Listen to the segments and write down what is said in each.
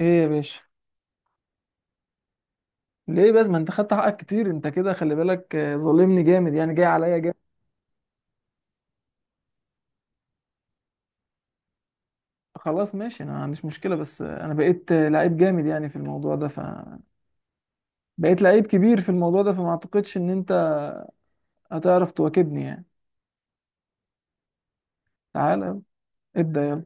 ايه يا باشا، ليه بس؟ ما انت خدت حقك كتير. انت كده خلي بالك. ظلمني جامد يعني، جاي عليا جامد. خلاص ماشي، انا ما عنديش مشكله، بس انا بقيت لعيب جامد يعني في الموضوع ده بقيت لعيب كبير في الموضوع ده، فما اعتقدش ان انت هتعرف تواكبني يعني. تعالى يلا، ابدا يلا.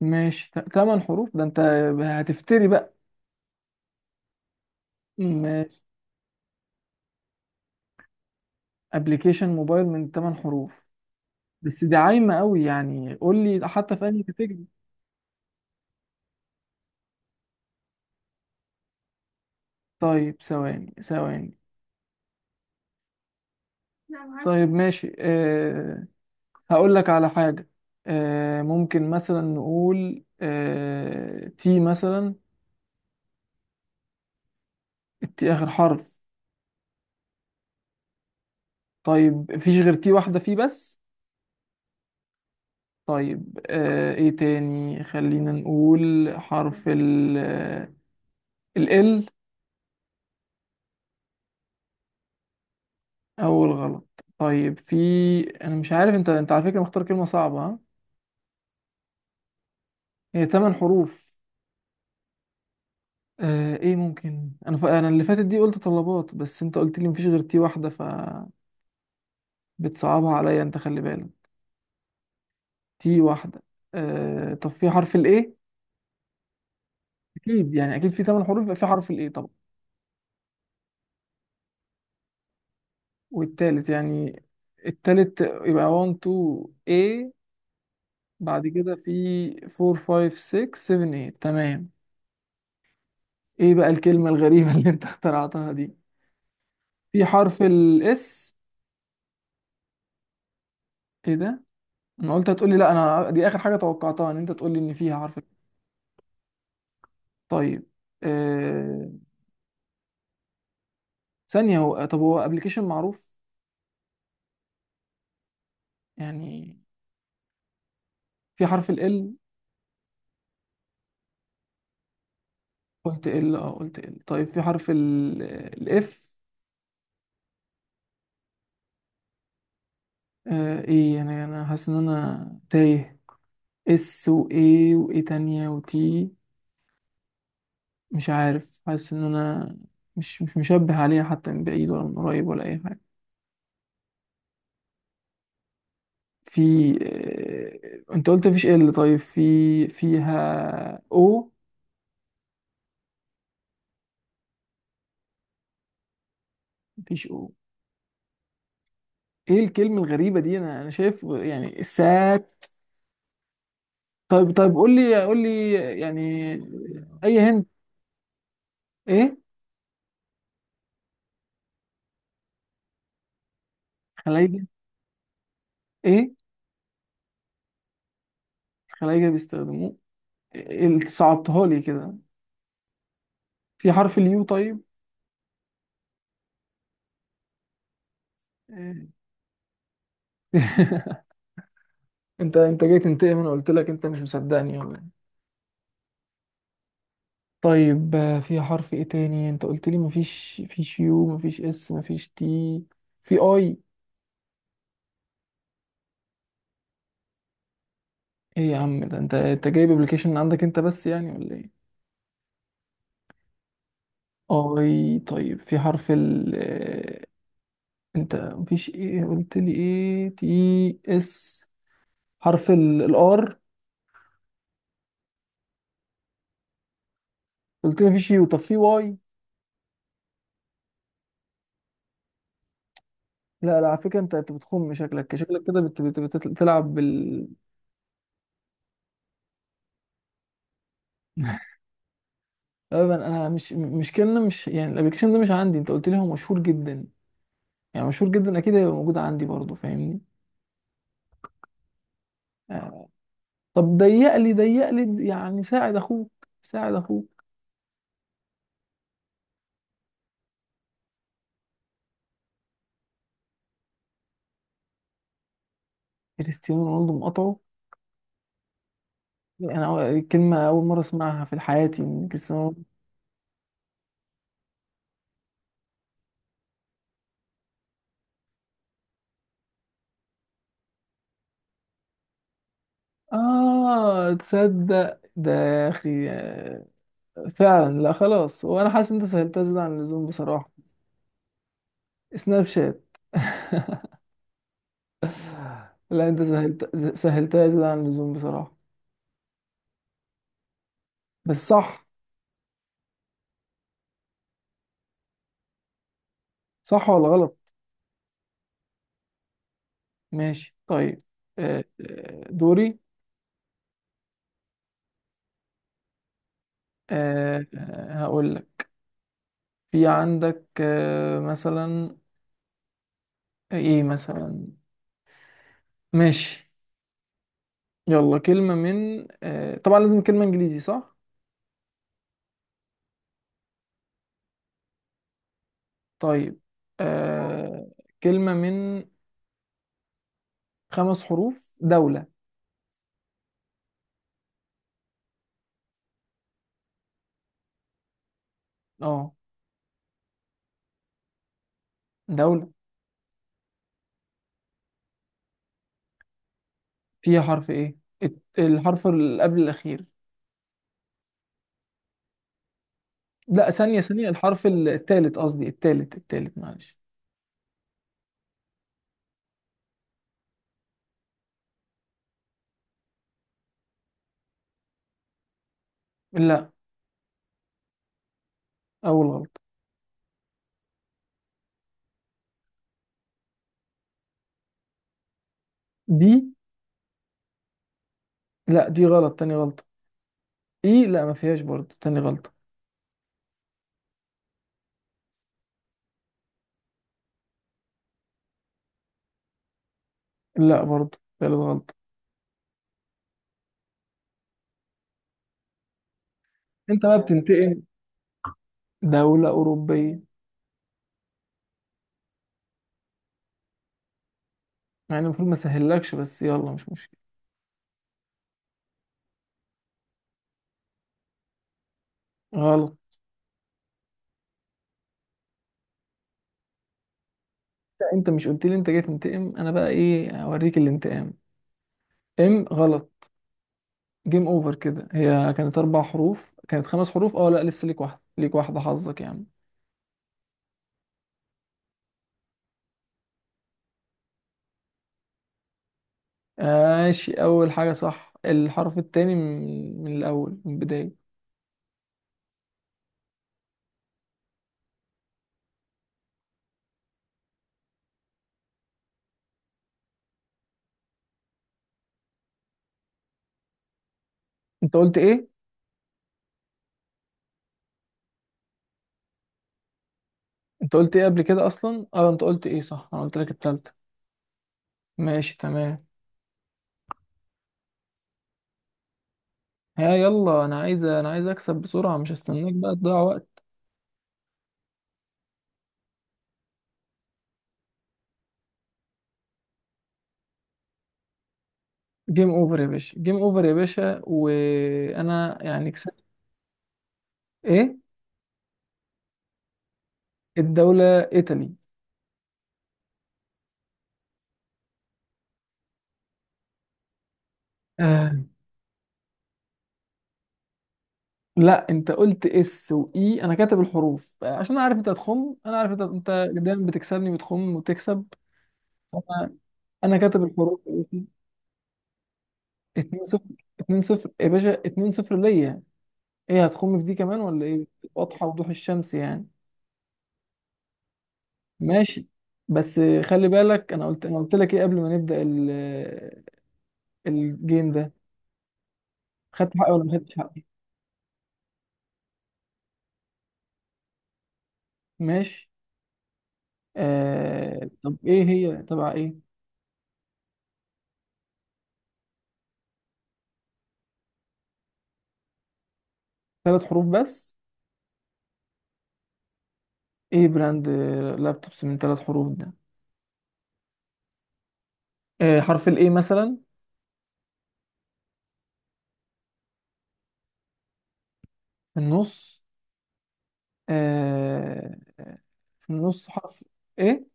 ماشي، تمن حروف؟ ده انت هتفتري بقى. ماشي، ابلكيشن موبايل من تمن حروف، بس دي عايمه قوي يعني. قول لي حتى في انهي كاتيجوري. طيب، ثواني ثواني. طيب ماشي هقول لك على حاجة. ممكن مثلا نقول تي مثلا. التي آخر حرف؟ طيب مفيش غير تي واحدة فيه بس. طيب ايه تاني؟ خلينا نقول حرف ال. أول غلط؟ طيب، في. أنا مش عارف، أنت على فكرة مختار كلمة صعبة، ها؟ هي تمن حروف. ايه ممكن؟ أنا اللي فاتت دي قلت طلبات، بس أنت قلت لي مفيش غير تي واحدة، فبتصعبها عليا. أنت خلي بالك، تي واحدة. طب في حرف الايه؟ اكيد يعني، اكيد في ثمان حروف يبقى في حرف الايه طبعا. والتالت يعني. التالت يبقى 1 2 A، بعد كده في 4 5 6 7 8. تمام. ايه بقى الكلمة الغريبة اللي انت اخترعتها دي؟ في حرف الاس؟ ايه ده! انا قلت هتقولي لا، انا دي اخر حاجة توقعتها ان انت تقولي ان فيها حرف ال. طيب، آه... ثانية. هو طب هو ابلكيشن معروف يعني؟ في حرف ال L؟ قلت ال قلت ال، طيب في حرف الاف؟ ايه يعني، انا حاسس ان انا تايه. اس وايه وايه تانية وتي، مش عارف. حاسس ان انا مش مشبه عليها حتى من بعيد ولا من قريب ولا اي حاجة. في انت قلت مفيش ال، طيب في فيها او؟ مفيش او! ايه الكلمة الغريبة دي؟ انا شايف يعني السات. طيب طيب، قول لي قول لي يعني. اي هند؟ ايه؟ خلايجة؟ ايه؟ خلايجة بيستخدموه؟ صعبتها لي كده. في حرف اليو طيب؟ إيه. انت جاي تنتقم؟ انا قلت لك، انت مش مصدقني ولا إيه؟ طيب، في حرف ايه تاني؟ انت قلت لي مفيش يو، مفيش اس، مفيش تي. في اي؟ ايه يا عم ده! انت جايب ابلكيشن عندك انت بس يعني ولا ايه؟ اي، طيب في حرف ال انت مفيش ايه؟ قلت لي ايه تي اس. حرف الار؟ قلت لي مفيش يو، طب في واي؟ لا لا، على فكرة انت بتخم. شكلك شكلك كده بتلعب بال. ابدا، انا مش كلمة. مش يعني الابلكيشن ده مش عندي، انت قلت لي هو مشهور جدا، يعني مشهور جدا اكيد هيبقى موجود عندي برضه، فاهمني. آه. طب ضيق لي ضيق لي يعني، ساعد اخوك، ساعد اخوك. كريستيانو رونالدو مقاطعه؟ انا الكلمة اول مرة اسمعها في حياتي من كريستيانو رونالدو. اه تصدق ده يا اخي، فعلا. لا خلاص، وانا حاسس ان انت سهلتها زيادة عن اللزوم بصراحة. سناب شات؟ لا انت سهلتها زيادة عن اللزوم بصراحة. بس صح. صح ولا غلط؟ ماشي، طيب. دوري. هقول لك. في عندك مثلا، ايه مثلا؟ ماشي. يلا كلمة من طبعا لازم كلمة انجليزي، صح؟ طيب، آه، كلمة من خمس حروف، دولة. اه، دولة. فيها حرف ايه؟ الحرف اللي قبل الأخير. لا ثانية ثانية، الحرف التالت، قصدي التالت، معلش. لا، أول غلطة. بي؟ لا دي غلط، تاني غلطة. إي؟ لا ما فيهاش برضه، تاني غلطة. لا، برضه تالت غلطة. أنت بقى بتنتقم. دولة أوروبية، يعني المفروض ما سهلكش، بس يلا مش مشكلة. غلط. لا أنت مش قلت لي أنت جاي تنتقم؟ أنا بقى إيه، أوريك الانتقام. إم، غلط. جيم أوفر كده. هي كانت أربع حروف؟ كانت خمس حروف. لا، لسه ليك واحدة، ليك واحدة، حظك يعني. ماشي، اول حاجة صح. الحرف التاني من الاول، من البداية. انت قلت ايه؟ انت قلت ايه قبل كده اصلا؟ اه انت قلت ايه صح، انا قلت لك التالتة. ماشي تمام. ها يلا، انا عايز اكسب بسرعة، مش هستناك بقى تضيع وقت. جيم اوفر يا باشا، جيم اوفر يا باشا، وانا يعني كسبت. ايه الدولة؟ ايطالي. آه. لا انت قلت اس واي، انا كاتب الحروف عشان اعرف. انت هتخم، انا عارف انت دايما بتكسبني، بتخم وتكسب. انا كاتب الحروف، 2 0. 2 0 يا باشا، 2 0 ليا. ايه، هتخم في دي كمان ولا ايه؟ واضحه وضوح الشمس يعني. ماشي، بس خلي بالك، انا قلت لك ايه قبل ما نبدا الجيم ده؟ خدت حقي ولا ما خدتش حقي؟ ماشي. طب ايه هي؟ تبع ايه؟ ثلاث حروف بس؟ ايه براند لابتوبس من ثلاث حروف ده؟ حرف الايه مثلا، في النص؟ آه... في النص حرف ايه.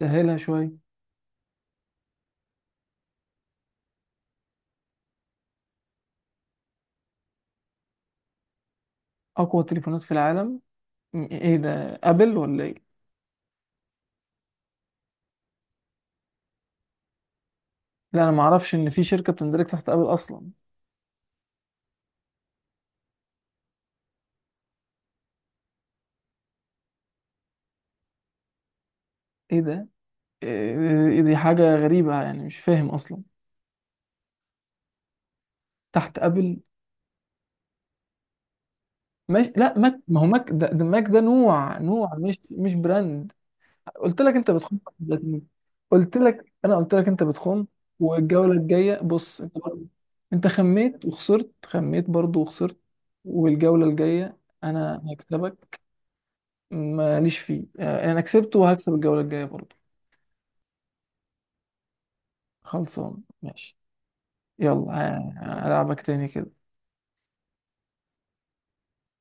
سهلها شويه. اقوى تليفونات في العالم؟ ايه ده، ابل ولا ايه؟ لا انا ما اعرفش ان في شركه بتندرج تحت ابل اصلا. ايه ده؟ إيه إيه، دي حاجه غريبه يعني، مش فاهم اصلا تحت ابل. ماشي. لا ماك، ما هو ماك ده ماك، ده نوع، نوع، مش براند. قلت لك انت بتخون في الذاتية. قلت لك، انت بتخون. والجوله الجايه بص، انت برضه. انت خميت وخسرت، خميت برضه وخسرت. والجوله الجايه انا هكسبك، ماليش فيه. انا كسبت، وهكسب الجوله الجايه برضه. خلصان؟ ماشي، يلا. ألعبك تاني كده.